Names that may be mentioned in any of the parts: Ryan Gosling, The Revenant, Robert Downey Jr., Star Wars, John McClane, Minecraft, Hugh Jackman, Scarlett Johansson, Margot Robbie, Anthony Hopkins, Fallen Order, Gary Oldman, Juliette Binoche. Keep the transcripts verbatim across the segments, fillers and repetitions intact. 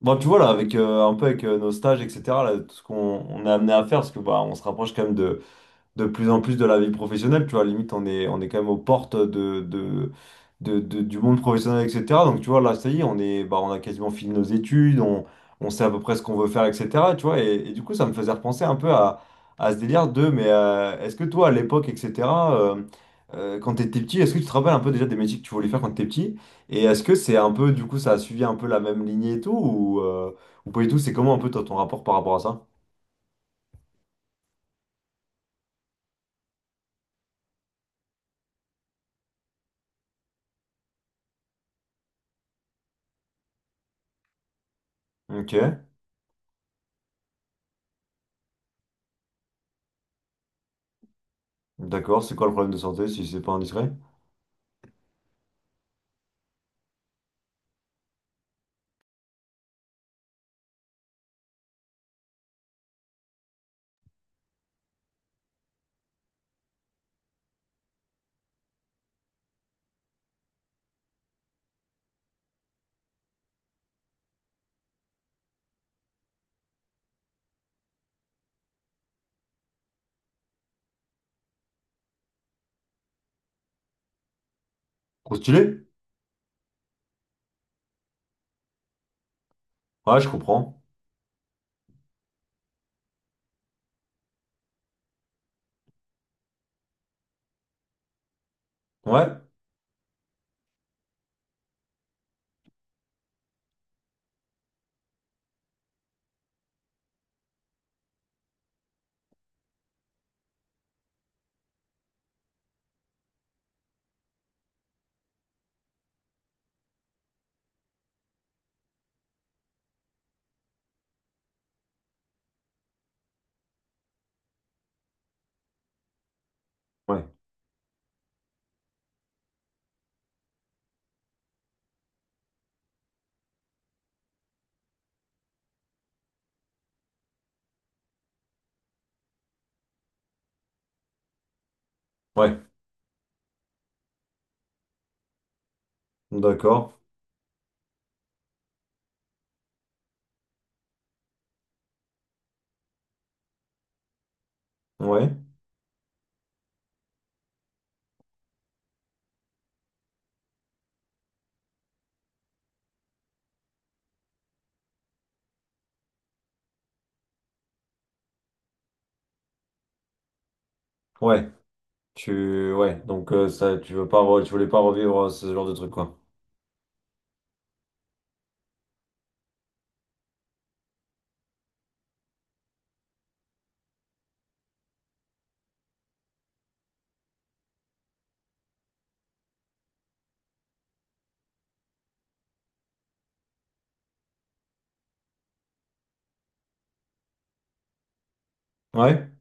Bon, tu vois, là, avec, euh, un peu avec euh, nos stages, et cetera, là, tout ce qu'on on est amené à faire, parce que bah, on se rapproche quand même de, de plus en plus de la vie professionnelle, tu vois, limite on est, on est quand même aux portes de, de, de- de- du monde professionnel, et cetera. Donc tu vois, là, ça y est, on est, bah, on a quasiment fini nos études, on, on sait à peu près ce qu'on veut faire, et cetera. Tu vois, et, et du coup, ça me faisait repenser un peu à, à ce délire de, mais euh, est-ce que toi, à l'époque, et cetera, euh, euh, quand t'étais petit, est-ce que tu te rappelles un peu déjà des métiers que tu voulais faire quand t'étais petit? Et est-ce que c'est un peu, du coup, ça a suivi un peu la même lignée et tout, ou, euh, ou pas du tout, c'est comment un peu toi, ton rapport par rapport à ça? Ok, d'accord, c'est quoi le problème de santé si c'est pas indiscret? Trop stylé? Ouais, je comprends. Ouais, ouais, ouais. D'accord. Ouais, ouais. Tu, ouais. Donc euh, ça, tu veux pas, re- tu voulais pas revivre euh, ce genre de truc, quoi. Ouais.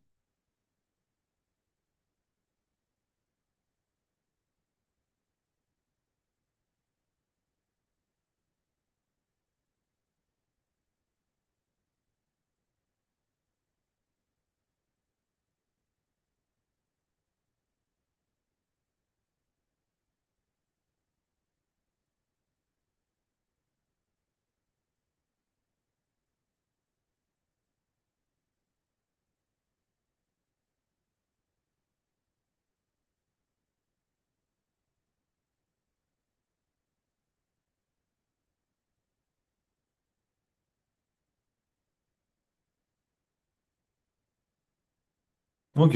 Ok.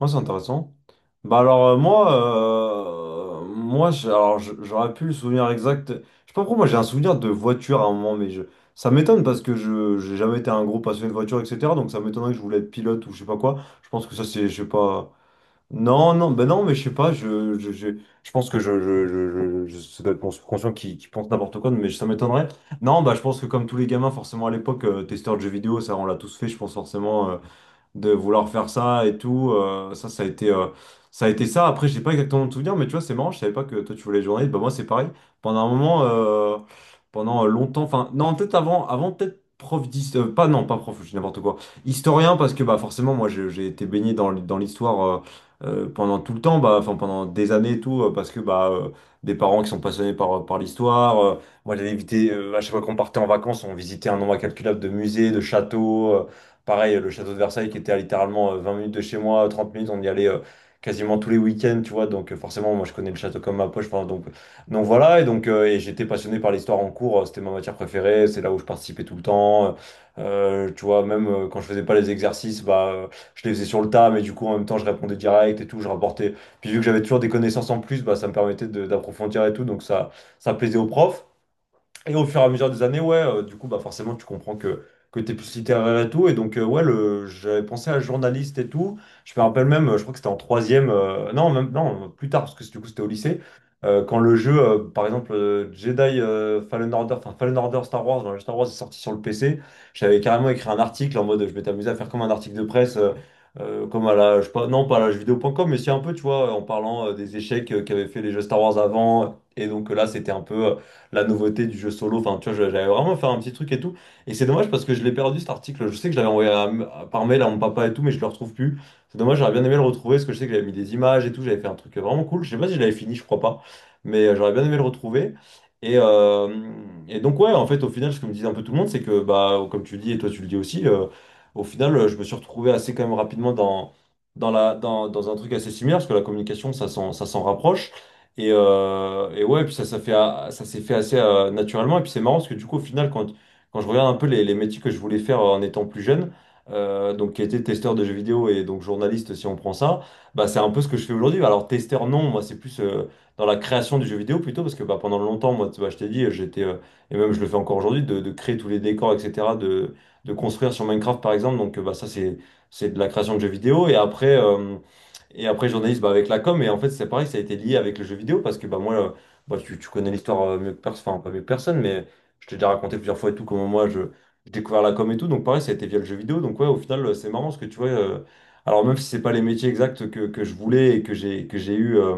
Moi, c'est intéressant. Bah alors euh, moi, euh, moi je- alors, je- j'aurais pu le souvenir exact. Je sais pas pourquoi moi j'ai un souvenir de voiture à un moment, mais je, ça m'étonne parce que je j'ai jamais été un gros passionné de voiture, et cetera. Donc ça m'étonnerait que je voulais être pilote ou je sais pas quoi. Je pense que ça c'est, je sais pas. Non, non, ben non, mais je sais pas. Je, je, je, je pense que je, je, je, je, je- ça doit être mon subconscient qui, qui pense n'importe quoi, mais ça m'étonnerait. Non, bah je pense que comme tous les gamins, forcément à l'époque, euh, testeur de jeux vidéo, ça on l'a tous fait. Je pense forcément, euh, de vouloir faire ça et tout. euh, ça, ça a été, euh, ça a été ça. Après, j'ai pas exactement de souvenir, mais tu vois, c'est marrant. Je savais pas que toi, tu voulais être journaliste. Bah, moi, c'est pareil. Pendant un moment, euh, pendant euh, longtemps, enfin, non, peut-être avant, avant peut-être prof d'histoire, pas, non, pas prof, je dis n'importe quoi. Historien, parce que, bah, forcément, moi, j'ai j'ai été baigné dans, l- dans l'histoire euh, euh, pendant tout le temps, bah, enfin, pendant des années et tout, euh, parce que, bah, euh, des parents qui sont passionnés par, par l'histoire. Euh, moi, j'allais éviter, euh, à chaque fois qu'on partait en vacances, on visitait un nombre incalculable de musées, de châteaux. euh, Pareil, le château de Versailles qui était à littéralement euh, vingt minutes de chez moi, trente minutes, on y allait euh, quasiment tous les week-ends, tu vois. Donc euh, forcément, moi je connais le château comme ma poche. Enfin, donc, euh, donc voilà, et donc euh, et j'étais passionné par l'histoire en cours, euh, c'était ma matière préférée, c'est là où je participais tout le temps. Euh, euh, tu vois, même euh, quand je faisais pas les exercices, bah, euh, je les faisais sur le tas, mais du coup en même temps je répondais direct et tout, je rapportais. Puis vu que j'avais toujours des connaissances en plus, bah, ça me permettait de- d'approfondir et tout, donc ça, ça plaisait aux profs. Et au fur et à mesure des années, ouais, euh, du coup, bah forcément, tu comprends que, que t'es plus littéraire et tout. Et donc, euh, ouais, le, j'avais pensé à journaliste et tout. Je me rappelle même, euh, je crois que c'était en troisième, euh, non, même, non, plus tard, parce que du coup, c'était au lycée. euh, quand le jeu, euh, par exemple, euh, Jedi euh, Fallen Order, enfin Fallen Order Star Wars, dans le Star Wars est sorti sur le P C, j'avais carrément écrit un article en mode, je m'étais amusé à faire comme un article de presse, euh, euh, comme à la, je sais pas, non, pas à la jeuxvideo point com, mais si un peu, tu vois, en parlant euh, des échecs euh, qu'avaient fait les jeux Star Wars avant. Et donc euh, là, c'était un peu euh, la nouveauté du jeu solo. Enfin, tu vois, j'avais vraiment fait un petit truc et tout. Et c'est dommage parce que je l'ai perdu cet article. Je sais que je l'avais envoyé à- à- par mail à mon papa et tout, mais je le retrouve plus. C'est dommage, j'aurais bien aimé le retrouver parce que je sais que j'avais mis des images et tout. J'avais fait un truc vraiment cool. Je sais pas si je l'avais fini, je crois pas. Mais euh, j'aurais bien aimé le retrouver. Et, euh, et donc, ouais, en fait, au final, ce que me disait un peu tout le monde, c'est que, bah, comme tu le dis et toi, tu le dis aussi, euh, au final, euh, je me suis retrouvé assez quand même rapidement dans dans la, dans, dans un truc assez similaire, parce que la communication, ça s'en, ça s'en rapproche. Et, euh, et ouais, puis ça, ça fait, a- ça s'est fait assez euh, naturellement. Et puis c'est marrant parce que du coup, au final, quand, quand je regarde un peu les, les métiers que je voulais faire euh, en étant plus jeune, euh, donc qui était testeur de jeux vidéo et donc journaliste, si on prend ça, bah c'est un peu ce que je fais aujourd'hui. Alors testeur, non, moi c'est plus euh, dans la création du jeu vidéo plutôt parce que bah, pendant longtemps, moi, tu- bah, je t'ai dit, j'étais, euh, et même je le fais encore aujourd'hui, de, de créer tous les décors, et cetera, de, de construire sur Minecraft par exemple. Donc euh, bah, ça, c'est, c'est de la création de jeux vidéo. Et après. euh, et après, journaliste, bah, avec la com, et en fait, c'est pareil, ça a été lié avec le jeu vidéo, parce que bah, moi, euh, bah, tu, tu connais l'histoire euh, mieux que personne, enfin, pas mieux que personne, mais je t'ai déjà raconté plusieurs fois et tout, comment moi, je, j'ai découvert la com et tout, donc pareil, ça a été via le jeu vidéo, donc ouais, au final, euh, c'est marrant, parce que tu vois, euh, alors même si c'est pas les métiers exacts que, que je voulais et que j'ai que j'ai eu euh,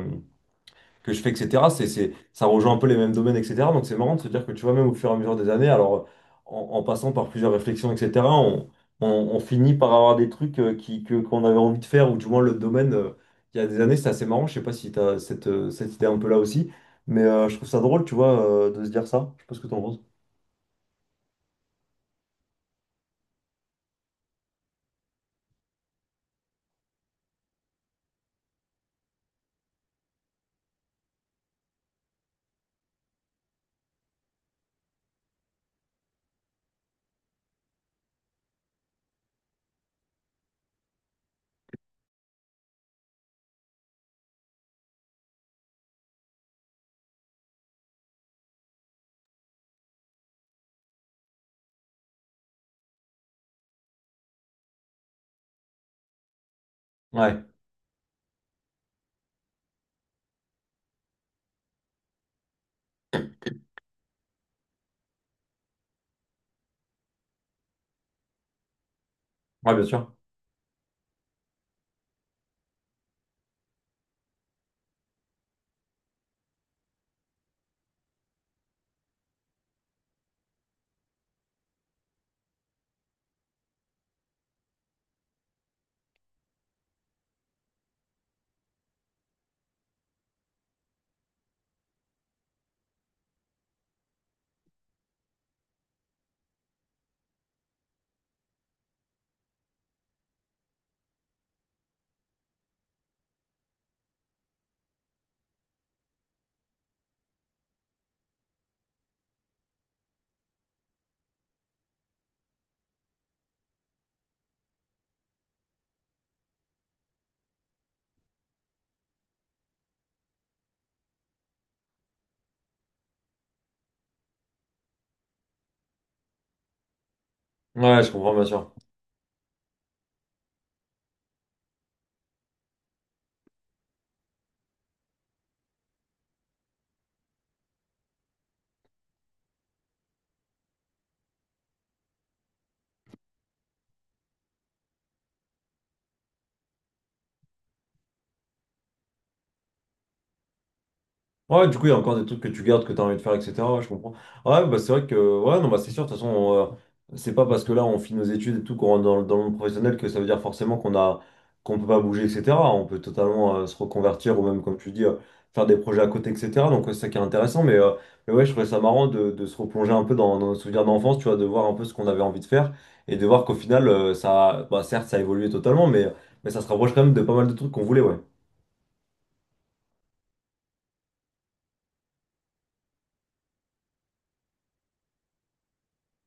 que je fais, et cetera. C'est, c'est, ça rejoint un peu les mêmes domaines, et cetera. Donc c'est marrant de se dire que tu vois, même au fur et à mesure des années, alors en, en passant par plusieurs réflexions, et cetera, on, on, on finit par avoir des trucs euh, qui, que, qu'on avait envie de faire, ou du moins le domaine, euh, il y a des années, c'était assez marrant. Je sais pas si tu as cette, euh, cette idée un peu là aussi, mais euh, je trouve ça drôle, tu vois, euh, de se dire ça. Je sais pas ce que t'en penses. Ouais, ouais, bien sûr. Ouais, je comprends, bien sûr. Ouais, du coup, il y a encore des trucs que tu gardes, que tu as envie de faire, et cetera. Ouais, je comprends. Ouais, bah, c'est vrai que, ouais, non, bah, c'est sûr, de toute façon, on, euh, c'est pas parce que là, on finit nos études et tout, qu'on rentre dans, le- dans le monde professionnel que ça veut dire forcément qu'on a, qu'on peut pas bouger, et cetera. On peut totalement euh, se reconvertir ou même, comme tu dis, euh, faire des projets à côté, et cetera. Donc, ouais, c'est ça qui est intéressant. Mais, euh, mais ouais, je trouvais ça marrant de, de se replonger un peu dans, dans nos souvenirs d'enfance, tu vois, de voir un peu ce qu'on avait envie de faire et de voir qu'au final, euh, ça, bah, certes, ça a évolué totalement, mais, mais ça se rapproche quand même de pas mal de trucs qu'on voulait, ouais.